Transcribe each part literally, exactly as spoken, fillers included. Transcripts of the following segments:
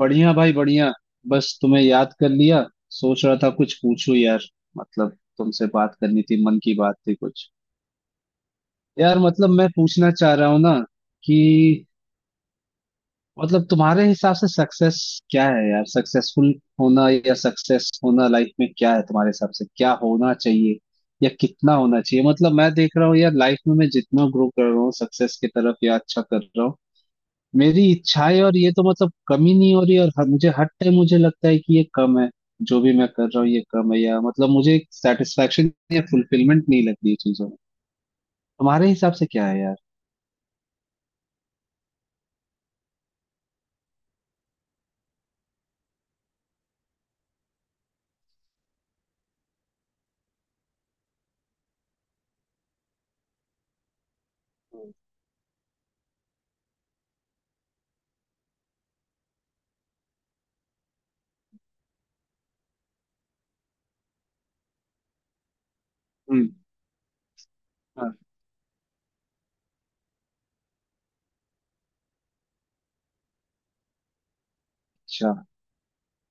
बढ़िया भाई बढ़िया। बस तुम्हें याद कर लिया। सोच रहा था कुछ पूछूं यार, मतलब तुमसे बात करनी थी, मन की बात थी कुछ। यार मतलब मैं पूछना चाह रहा हूँ ना कि मतलब तुम्हारे हिसाब से सक्सेस क्या है यार? सक्सेसफुल होना या सक्सेस होना लाइफ में क्या है? तुम्हारे हिसाब से क्या होना चाहिए या कितना होना चाहिए? मतलब मैं देख रहा हूँ यार लाइफ में, मैं जितना ग्रो कर रहा हूँ सक्सेस की तरफ या अच्छा कर रहा हूँ, मेरी इच्छाएं और ये तो मतलब कमी नहीं हो रही, और हर, मुझे हर टाइम मुझे लगता है कि ये कम है। जो भी मैं कर रहा हूँ ये कम है, या मतलब मुझे एक सेटिस्फेक्शन या फुलफिलमेंट नहीं लगती ये चीजों में। तुम्हारे हिसाब से क्या है यार? हम्म। अच्छा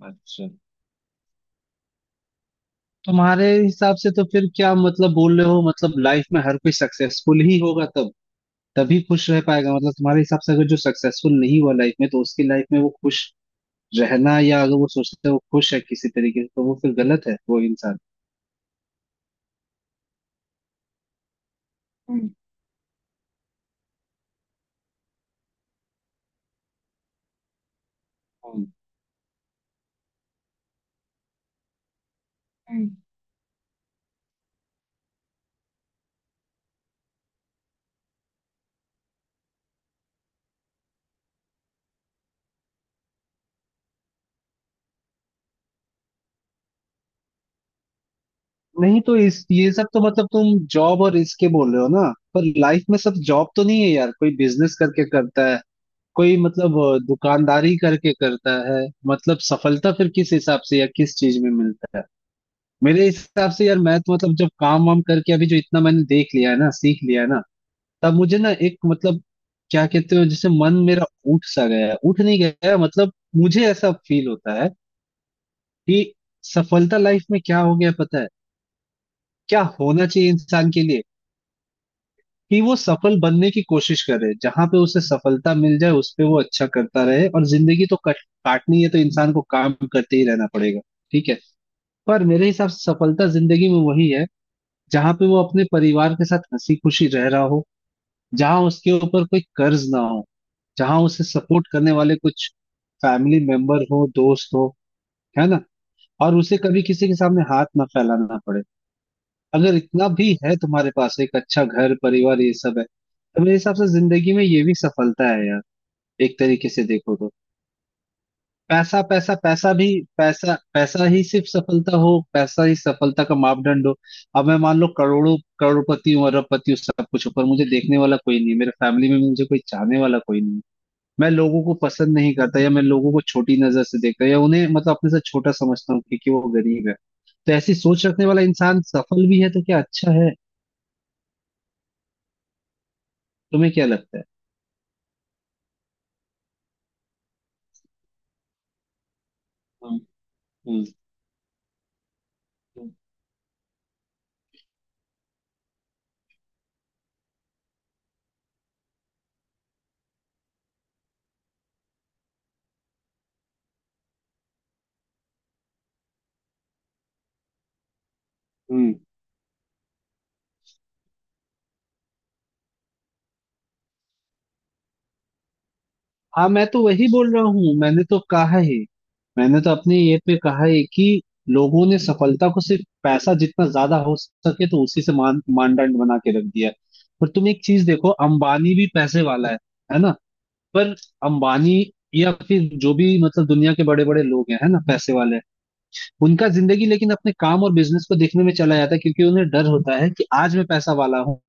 अच्छा। तुम्हारे हिसाब से तो फिर क्या मतलब बोल रहे हो? मतलब लाइफ में हर कोई सक्सेसफुल ही होगा तब, तभी खुश रह पाएगा? मतलब तुम्हारे हिसाब से अगर जो सक्सेसफुल नहीं हुआ लाइफ में तो उसकी लाइफ में वो खुश रहना, या अगर वो सोचता है वो खुश है किसी तरीके से तो वो फिर गलत है वो इंसान? हम्म। हम्म। हम्म। नहीं, तो इस ये सब तो मतलब तुम जॉब और इसके बोल रहे हो ना, पर लाइफ में सब जॉब तो नहीं है यार, कोई बिजनेस करके करता है, कोई मतलब अ, दुकानदारी करके करता है। मतलब सफलता फिर किस हिसाब से या किस चीज में मिलता है? मेरे हिसाब से यार, मैं तो मतलब जब काम वाम करके अभी जो इतना मैंने देख लिया है ना, सीख लिया है ना, तब मुझे ना एक मतलब क्या कहते हो, जैसे मन मेरा उठ सा गया है, उठ नहीं गया है, मतलब मुझे ऐसा फील होता है कि सफलता लाइफ में क्या हो गया पता है? क्या होना चाहिए इंसान के लिए कि वो सफल बनने की कोशिश करे, जहां पे उसे सफलता मिल जाए उस पे वो अच्छा करता रहे, और जिंदगी तो कट काटनी है तो इंसान को काम करते ही रहना पड़ेगा, ठीक है। पर मेरे हिसाब से सफलता जिंदगी में वही है जहां पे वो अपने परिवार के साथ हंसी खुशी रह रहा हो, जहां उसके ऊपर कोई कर्ज ना हो, जहां उसे सपोर्ट करने वाले कुछ फैमिली मेंबर हो, दोस्त हो, है ना, और उसे कभी किसी के सामने हाथ ना फैलाना पड़े। अगर इतना भी है तुम्हारे पास, एक अच्छा घर परिवार ये सब है, तो मेरे हिसाब से जिंदगी में ये भी सफलता है यार, एक तरीके से देखो तो। पैसा पैसा पैसा भी, पैसा पैसा ही सिर्फ सफलता हो, पैसा ही सफलता का मापदंड हो? अब मैं मान लो करोड़ों करोड़पति हूँ, अरबपति हूँ, सब कुछ हूँ, पर मुझे देखने वाला कोई नहीं है मेरे फैमिली में, मुझे कोई चाहने वाला कोई नहीं है, मैं लोगों को पसंद नहीं करता, या मैं लोगों को छोटी नजर से देखता हूँ, या उन्हें मतलब अपने से छोटा समझता हूँ क्योंकि वो गरीब है, तो ऐसी सोच रखने वाला इंसान सफल भी है तो क्या अच्छा है? तुम्हें क्या लगता है? हम्म। हम्म। हम्म। हम्म। हाँ, मैं तो वही बोल रहा हूँ, मैंने तो कहा है, मैंने तो अपने ये पे कहा है कि लोगों ने सफलता को सिर्फ पैसा जितना ज्यादा हो सके तो उसी से मान मानदंड बना के रख दिया है। पर तुम एक चीज देखो, अंबानी भी पैसे वाला है है ना, पर अंबानी या फिर जो भी मतलब दुनिया के बड़े बड़े लोग हैं, है ना, पैसे वाले हैं, उनका जिंदगी लेकिन अपने काम और बिजनेस को देखने में चला जाता है, क्योंकि उन्हें डर होता है कि आज मैं पैसा वाला हूँ,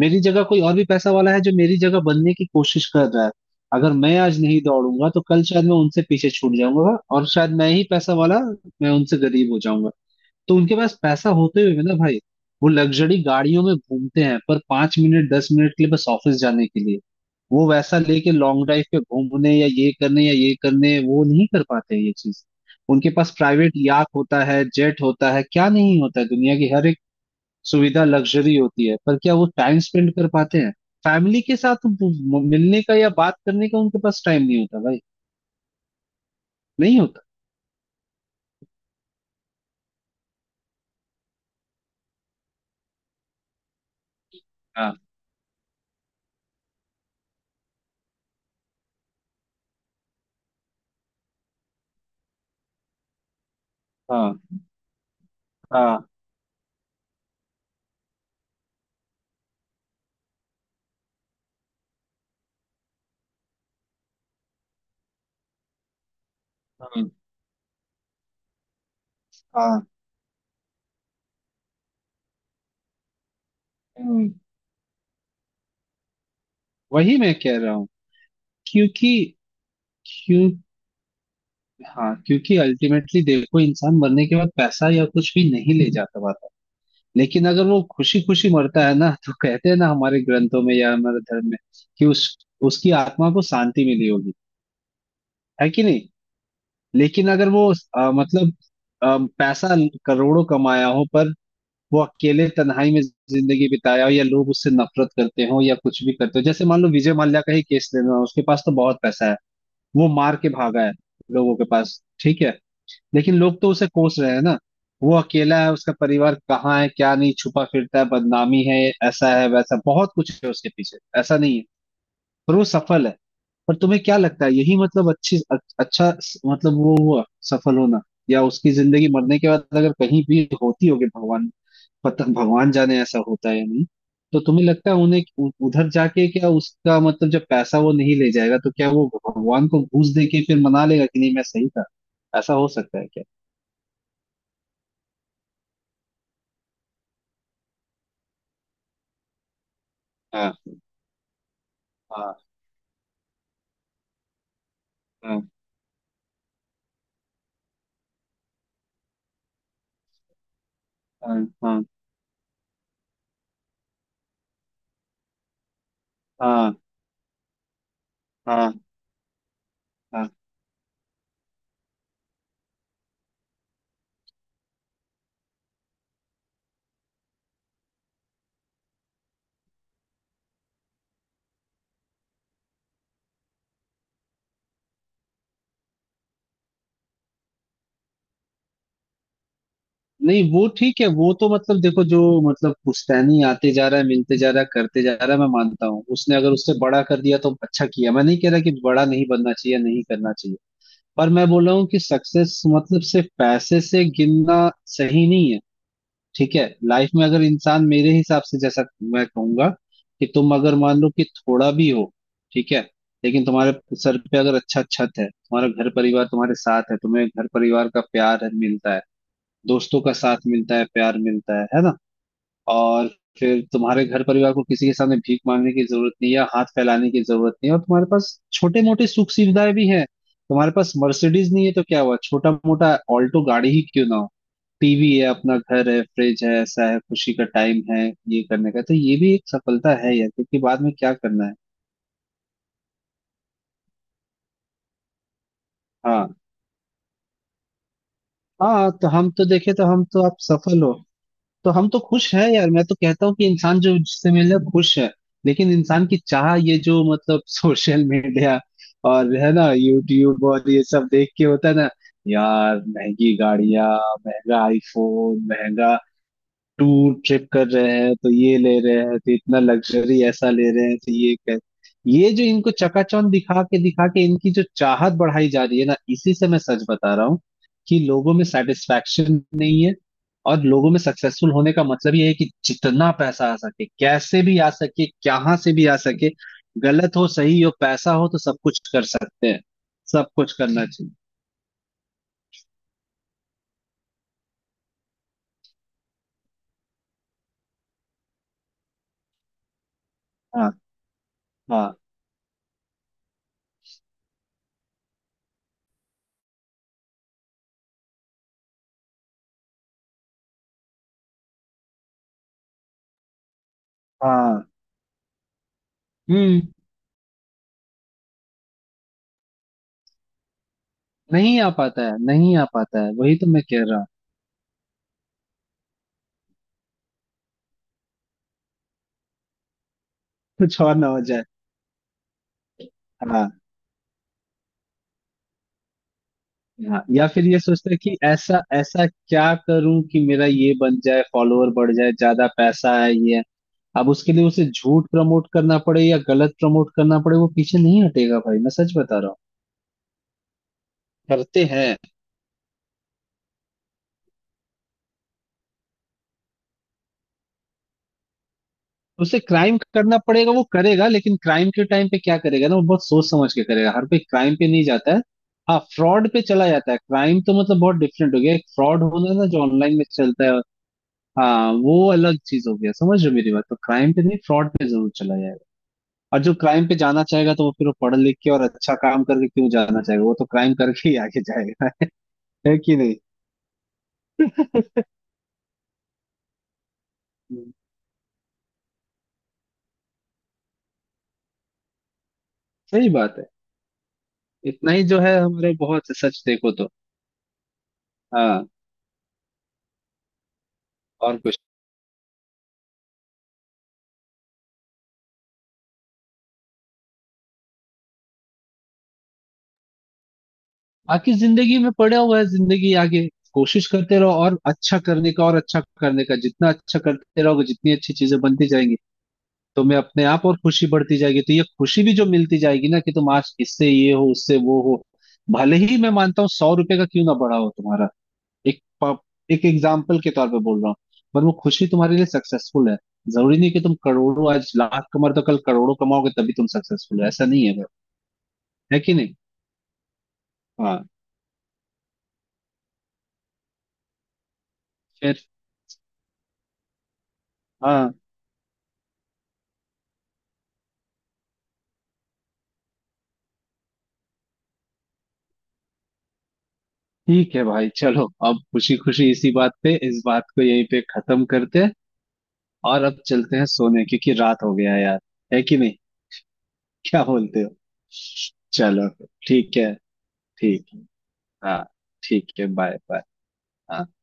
मेरी जगह कोई और भी पैसा वाला है जो मेरी जगह बनने की कोशिश कर रहा है, अगर मैं आज नहीं दौड़ूंगा तो कल शायद मैं उनसे पीछे छूट जाऊंगा, और शायद मैं ही पैसा वाला, मैं उनसे गरीब हो जाऊंगा। तो उनके पास पैसा होते हुए भी ना भाई, वो लग्जरी गाड़ियों में घूमते हैं पर पांच मिनट दस मिनट के लिए बस ऑफिस जाने के लिए, वो वैसा लेके लॉन्ग ड्राइव पे घूमने या ये करने या ये करने वो नहीं कर पाते हैं ये चीज। उनके पास प्राइवेट याक होता है, जेट होता है, क्या नहीं होता है, दुनिया की हर सुविधा लग्जरी होती है, पर क्या वो टाइम स्पेंड कर पाते हैं फैमिली के साथ म- म- मिलने का या बात करने का? उनके पास टाइम नहीं होता भाई, नहीं होता। हाँ। हाँ हाँ। हाँ हाँ। हम्म। वही मैं कह रहा हूँ, क्योंकि क्यों, हाँ क्योंकि अल्टीमेटली देखो, इंसान मरने के बाद पैसा या कुछ भी नहीं ले जाता पाता, लेकिन अगर वो खुशी खुशी मरता है ना, तो कहते हैं ना हमारे ग्रंथों में या हमारे धर्म में कि उस उसकी आत्मा को शांति मिली होगी, है कि नहीं। लेकिन अगर वो अ, मतलब अ, पैसा करोड़ों कमाया हो, पर वो अकेले तन्हाई में जिंदगी बिताया हो, या लोग उससे नफरत करते हो, या कुछ भी करते हो, जैसे मान लो विजय माल्या का ही केस लेना, उसके पास तो बहुत पैसा है, वो मार के भागा है लोगों के पास, ठीक है, लेकिन लोग तो उसे कोस रहे हैं ना, वो अकेला है, उसका परिवार कहाँ है, क्या नहीं छुपा फिरता है, बदनामी है, ऐसा है वैसा बहुत कुछ है उसके पीछे, ऐसा नहीं है। पर वो सफल है? पर तुम्हें क्या लगता है यही मतलब अच्छी, अच्छा मतलब वो हुआ सफल होना? या उसकी जिंदगी मरने के बाद अगर कहीं भी होती होगी, भगवान पता, भगवान जाने ऐसा होता है या नहीं, तो तुम्हें लगता है उन्हें उ- उधर जाके क्या उसका मतलब जब पैसा वो नहीं ले जाएगा तो क्या वो भगवान को घूस दे के फिर मना लेगा कि नहीं मैं सही था? ऐसा हो सकता है क्या? हाँ हाँ। हाँ हाँ। हाँ हाँ। हाँ हाँ। नहीं वो ठीक है, वो तो मतलब देखो, जो मतलब पुश्तैनी आते जा रहा है, मिलते जा रहा है, करते जा रहा है, मैं मानता हूँ, उसने अगर उससे बड़ा कर दिया तो अच्छा किया, मैं नहीं कह रहा कि बड़ा नहीं बनना चाहिए, नहीं करना चाहिए। पर मैं बोल रहा हूँ कि सक्सेस मतलब सिर्फ पैसे से गिनना सही नहीं है, ठीक है। लाइफ में अगर इंसान मेरे हिसाब से, जैसा मैं कहूंगा कि तुम अगर मान लो कि थोड़ा भी हो, ठीक है, लेकिन तुम्हारे सर पे अगर अच्छा छत है, तुम्हारा घर परिवार तुम्हारे साथ है, तुम्हें घर परिवार का प्यार है मिलता है, दोस्तों का साथ मिलता है, प्यार मिलता है है ना, और फिर तुम्हारे घर परिवार को किसी के सामने भीख मांगने की जरूरत नहीं है या हाथ फैलाने की जरूरत नहीं है, और तुम्हारे पास छोटे मोटे सुख सुविधाएं भी हैं, तुम्हारे पास मर्सिडीज नहीं है तो क्या हुआ, छोटा मोटा ऑल्टो गाड़ी ही क्यों ना हो, टीवी है, अपना घर है, फ्रिज है, ऐसा है, खुशी का टाइम है, ये करने का, तो ये भी एक सफलता है यार, क्योंकि बाद में क्या करना है। हाँ हाँ, तो हम तो देखे तो, हम तो आप सफल हो तो हम तो खुश है यार। मैं तो कहता हूँ कि इंसान जो जिससे मिल रहा है खुश है। लेकिन इंसान की चाह ये जो मतलब सोशल मीडिया और है ना, यूट्यूब और ये सब देख के होता है ना यार, महंगी गाड़ियां, महंगा आईफोन, महंगा टूर ट्रिप कर रहे हैं, तो ये ले रहे हैं, तो इतना लग्जरी ऐसा ले रहे हैं, तो ये कर, ये जो इनको चकाचौंध दिखा के दिखा के इनकी जो चाहत बढ़ाई जा रही है ना, इसी से मैं सच बता रहा हूँ कि लोगों में सेटिस्फैक्शन नहीं है, और लोगों में सक्सेसफुल होने का मतलब ये है कि जितना पैसा आ सके, कैसे भी आ सके, कहाँ से भी आ सके, गलत हो सही हो पैसा हो तो सब कुछ कर सकते हैं, सब कुछ करना चाहिए। हाँ हाँ। हाँ। हम्म। नहीं आ पाता है, नहीं आ पाता है, वही तो मैं कह रहा हूँ। कुछ और ना हो जाए। हाँ हाँ, या फिर ये सोचते हैं कि ऐसा ऐसा क्या करूं कि मेरा ये बन जाए, फॉलोअर बढ़ जाए, ज्यादा पैसा है ये है। अब उसके लिए उसे झूठ प्रमोट करना पड़े या गलत प्रमोट करना पड़े वो पीछे नहीं हटेगा भाई, मैं सच बता रहा हूँ। करते हैं। उसे क्राइम करना पड़ेगा वो करेगा, लेकिन क्राइम के टाइम पे क्या करेगा ना, वो बहुत सोच समझ के करेगा, हर कोई क्राइम पे नहीं जाता है। हाँ, फ्रॉड पे चला जाता है, क्राइम तो मतलब बहुत डिफरेंट हो गया, एक फ्रॉड होना है ना जो ऑनलाइन में चलता है। हाँ, वो अलग चीज हो गया, समझ रहे हो मेरी बात, तो क्राइम पे नहीं फ्रॉड पे जरूर चला जाएगा, और जो क्राइम पे जाना चाहेगा तो वो फिर वो पढ़ लिख के और अच्छा काम करके क्यों जाना चाहेगा, वो तो क्राइम करके ही आगे जाएगा है कि नहीं? हम्म। सही बात है, इतना ही जो है हमारे, बहुत है, सच देखो तो। हाँ। और कुछ बाकी जिंदगी में पड़ा हुआ है, जिंदगी आगे। कोशिश करते रहो और अच्छा करने का, और अच्छा करने का, जितना अच्छा करते रहोगे जितनी अच्छी चीजें बनती जाएंगी, तुम्हें अपने आप और खुशी बढ़ती जाएगी, तो ये खुशी भी जो मिलती जाएगी ना कि तुम आज इससे ये हो उससे वो हो, भले ही मैं मानता हूँ सौ रुपए का क्यों ना बढ़ा हो तुम्हारा, एक प- एक एग्जाम्पल के तौर पे बोल रहा हूँ, पर वो खुशी तुम्हारे लिए सक्सेसफुल है। जरूरी नहीं कि तुम करोड़ों आज, लाख कमाओ तो कल करोड़ों कमाओगे तभी तुम सक्सेसफुल हो, ऐसा नहीं है भाई, है कि नहीं? हाँ। फिर। हाँ। ठीक है भाई, चलो अब खुशी खुशी इसी बात पे इस बात को यहीं पे खत्म करते हैं, और अब चलते हैं सोने क्योंकि रात हो गया है यार, है कि नहीं, क्या बोलते हो? चलो। ठीक है। ठीक है। हाँ ठीक है। बाय। बाय।